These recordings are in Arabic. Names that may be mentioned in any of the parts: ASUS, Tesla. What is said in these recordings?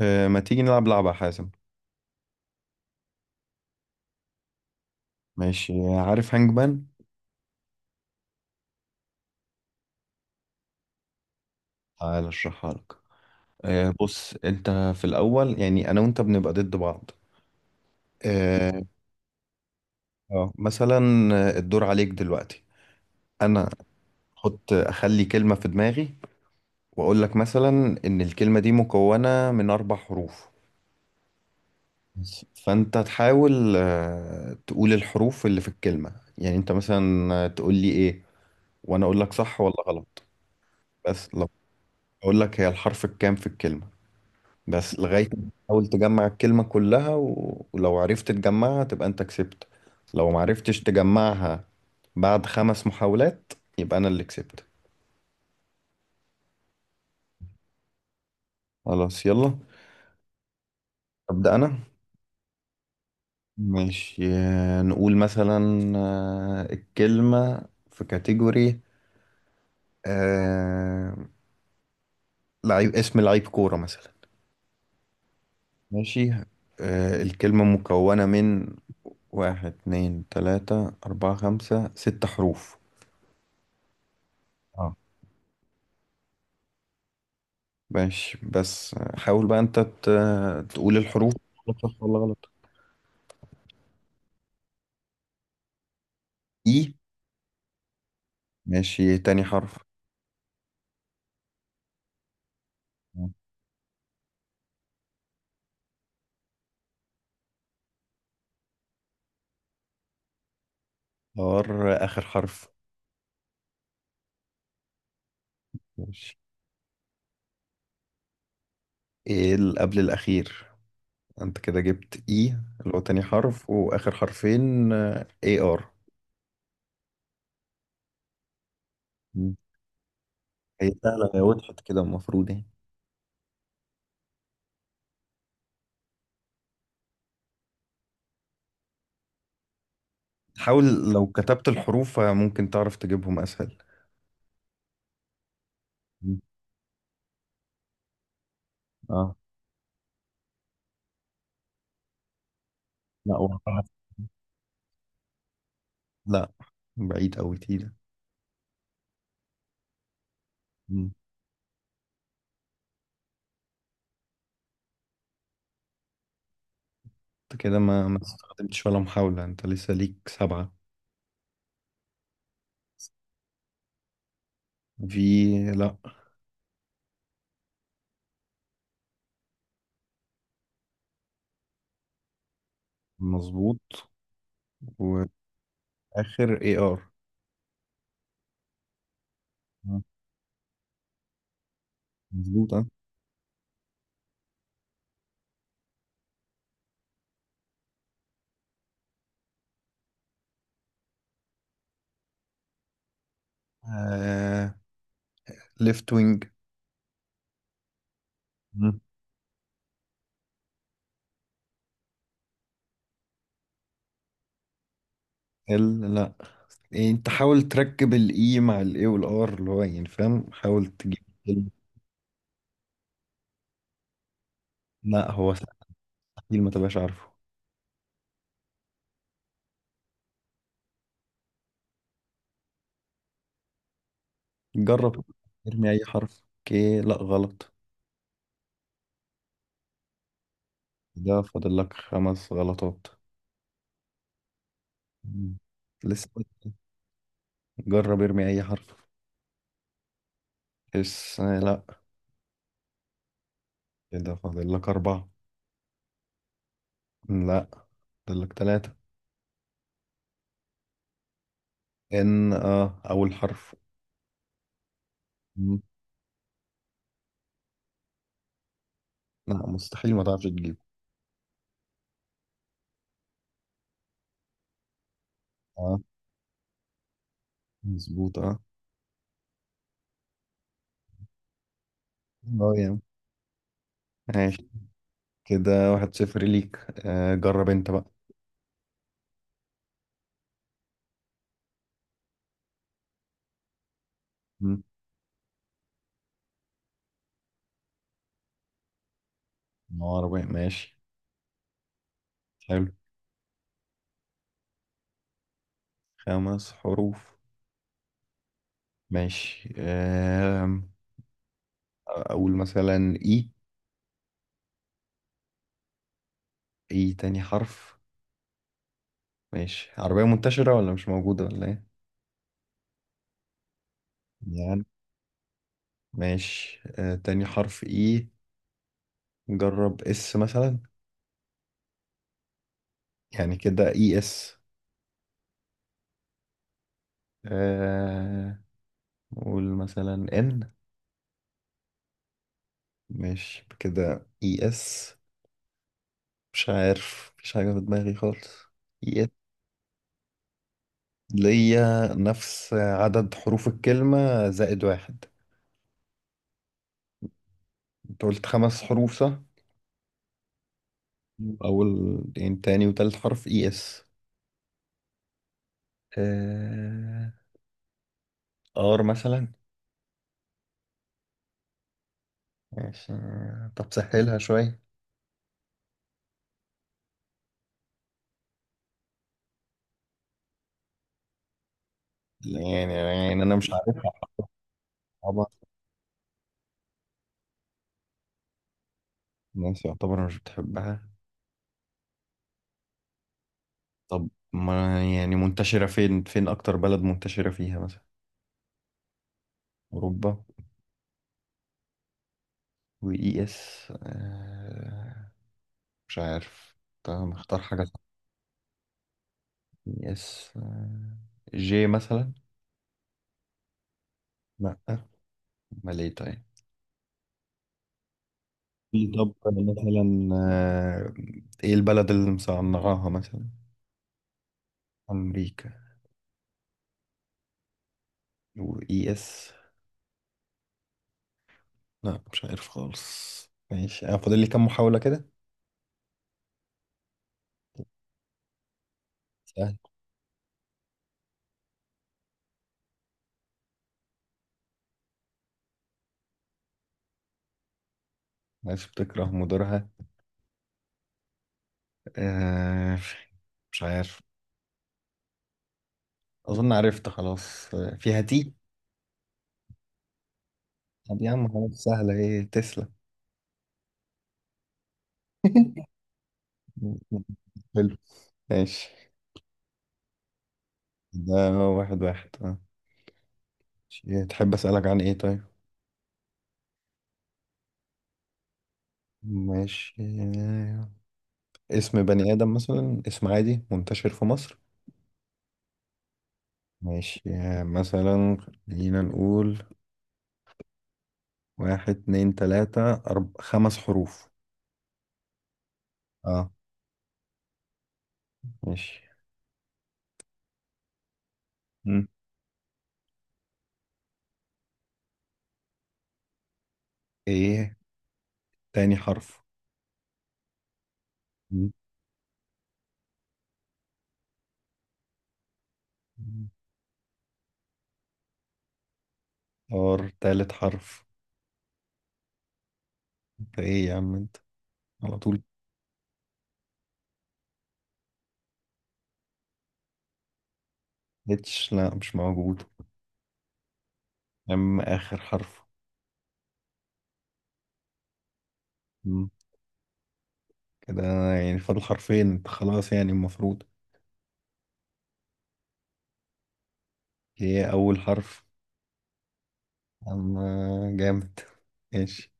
ما تيجي نلعب لعبة يا حازم. ماشي، عارف هانج مان؟ تعال اشرحها لك. بص انت. في الاول يعني انا وانت بنبقى ضد بعض. اه. مثلا. الدور عليك دلوقتي. انا احط، اخلي كلمة في دماغي واقول لك مثلا ان الكلمة دي مكونة من اربع حروف بس. فانت تحاول تقول الحروف اللي في الكلمة. يعني انت مثلا تقول لي ايه وانا اقول لك صح ولا غلط. بس لو اقول لك هي الحرف الكام في الكلمة، بس لغاية ما تحاول تجمع الكلمة كلها ولو عرفت تجمعها تبقى انت كسبت. لو معرفتش تجمعها بعد خمس محاولات يبقى انا اللي كسبت. خلاص يلا، أبدأ انا. ماشي، نقول مثلا. الكلمة في كاتيجوري، آه، لعيب، اسم لعيب كورة مثلا. ماشي. الكلمة مكونة من واحد اتنين تلاتة أربعة خمسة ست حروف. اه. ماشي، بس حاول بقى انت تقول الحروف، غلط، صح ولا غلط. اي. ماشي، تاني حرف. ار. اخر حرف. ماشي. ايه اللي قبل الاخير؟ انت كده جبت اي، اللي هو تاني حرف، واخر حرفين اي ار. مم. هي سهلة، هي وضحت كده، المفروض يعني. حاول. لو كتبت الحروف ممكن تعرف تجيبهم اسهل. مم. اه. لا، وقعت. لا، بعيد اوي، تقيلة. مم. انت كده ما استخدمتش ولا محاولة، انت لسه ليك سبعة. في. لا. مظبوط. واخر اي ار. مظبوط اه. آه، ليفت وينج. مم. ال، لا. إيه، انت حاول تركب الاي مع الاي والار، اللي هو يعني فاهم، حاول تجيب كلمة. لا، هو مستحيل ما تبقاش عارفه. جرب، ارمي اي حرف. اوكي، لا غلط. ده فاضل لك خمس غلطات. مم. لسه. جرب ارمي اي حرف. اس، لا. كده فاضل لك اربعة. لا، فاضل لك ثلاثة. ان، اه، اول حرف. م. لا، مستحيل ما تعرفش تجيبه. اه. مظبوط اه. اه يا عم. ماشي. كده 1-0 ليك. جرب انت بقى. م. عربي ماشي. حلو. خمس حروف. ماشي. اقول مثلا اي. اي تاني حرف. ماشي، عربية منتشرة ولا مش موجودة ولا ايه؟ يعني. ماشي، تاني حرف اي. جرب اس مثلا. يعني كده اي اس. آه قول مثلا ان. ماشي، كده اي اس. مش عارف، مفيش حاجة في دماغي خالص. اي اس. ليا نفس عدد حروف الكلمة زائد واحد. انت قلت خمس حروف صح؟ أول، يعني تاني وتالت حرف اي اس. آه، ار مثلا. ماشي. طب سهلها شوية. يعني أنا مش عارفها. طبعا. الناس يعتبر مش بتحبها. طب، ما يعني منتشرة فين، فين أكتر بلد منتشرة فيها مثلا. أوروبا. وإي إس، مش عارف. طب، مختار حاجة صح. إي إس، جي مثلا. لأ. أمال إيه طيب. في، طب مثلا إيه البلد اللي مصنعاها مثلا. أمريكا. وإي إس. لأ، مش عارف خالص. ماشي، أنا فاضل لي كام محاولة كده. سهل. ناس بتكره مديرها. آه، مش عارف. أظن عرفت خلاص، فيها تي. طب يا عم، خلاص، سهلة، إيه، تسلا. ماشي. ده 1-1 اه. ماشي. تحب أسألك عن ايه طيب؟ ماشي. اسم بني آدم مثلا، اسم عادي منتشر في مصر. ماشي. مثلا، خلينا نقول واحد اتنين تلاتة خمس حروف. اه. ماشي. مم. ايه تاني حرف. مم. اور، تالت حرف. انت ايه يا عم انت، على طول. اتش، لا مش موجود. يا عم، آخر حرف. مم. كده يعني فاضل حرفين انت، خلاص يعني المفروض. هي أول حرف. أما. جامد. ماشي.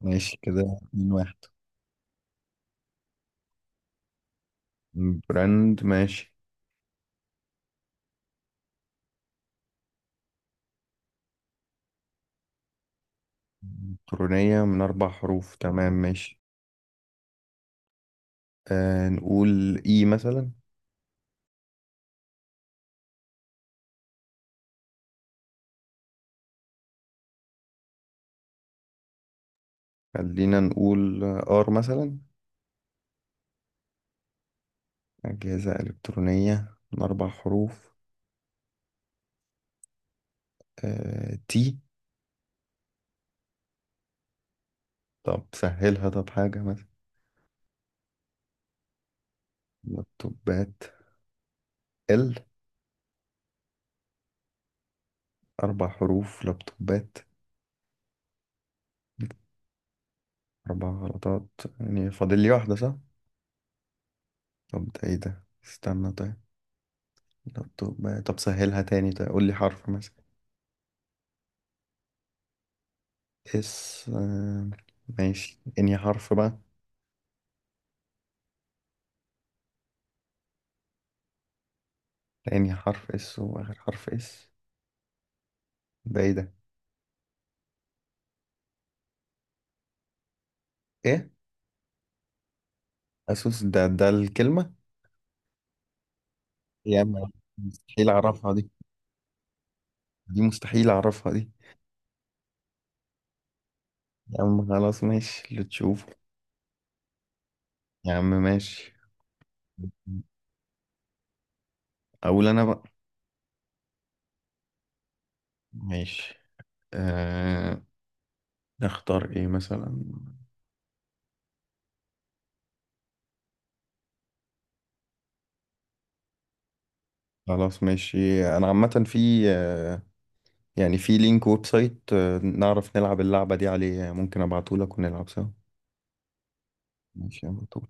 ماشي، كده 2-1. براند ماشي. إلكترونية من أربع حروف، تمام ماشي. نقول إي مثلا. خلينا نقول آر مثلا. أجهزة إلكترونية من أربع حروف. تي. طب سهلها، طب حاجة مثلا. لابتوبات. ال. أربع حروف، لابتوبات. أربع غلطات. يعني فاضل لي واحدة صح؟ طب ده إيه ده؟ استنى طيب. لابتوب بقى. طب سهلها تاني، طيب قول لي حرف مثلا. اس. ماشي، انهي حرف بقى؟ انهي حرف اس واخر حرف اس. ده ايه ده. ايه. اسوس، ده الكلمة. يا عم. مستحيل اعرفها دي. دي مستحيل اعرفها دي. يا عم خلاص، ماشي اللي تشوفه. يا عم ماشي. اقول انا بقى. ماشي. أه... نختار ايه مثلا. خلاص ماشي. انا عامة في آه، يعني في لينك ويب سايت، نعرف نلعب اللعبة دي عليه، ممكن ابعتهولك ونلعب سوا. ماشي يلا.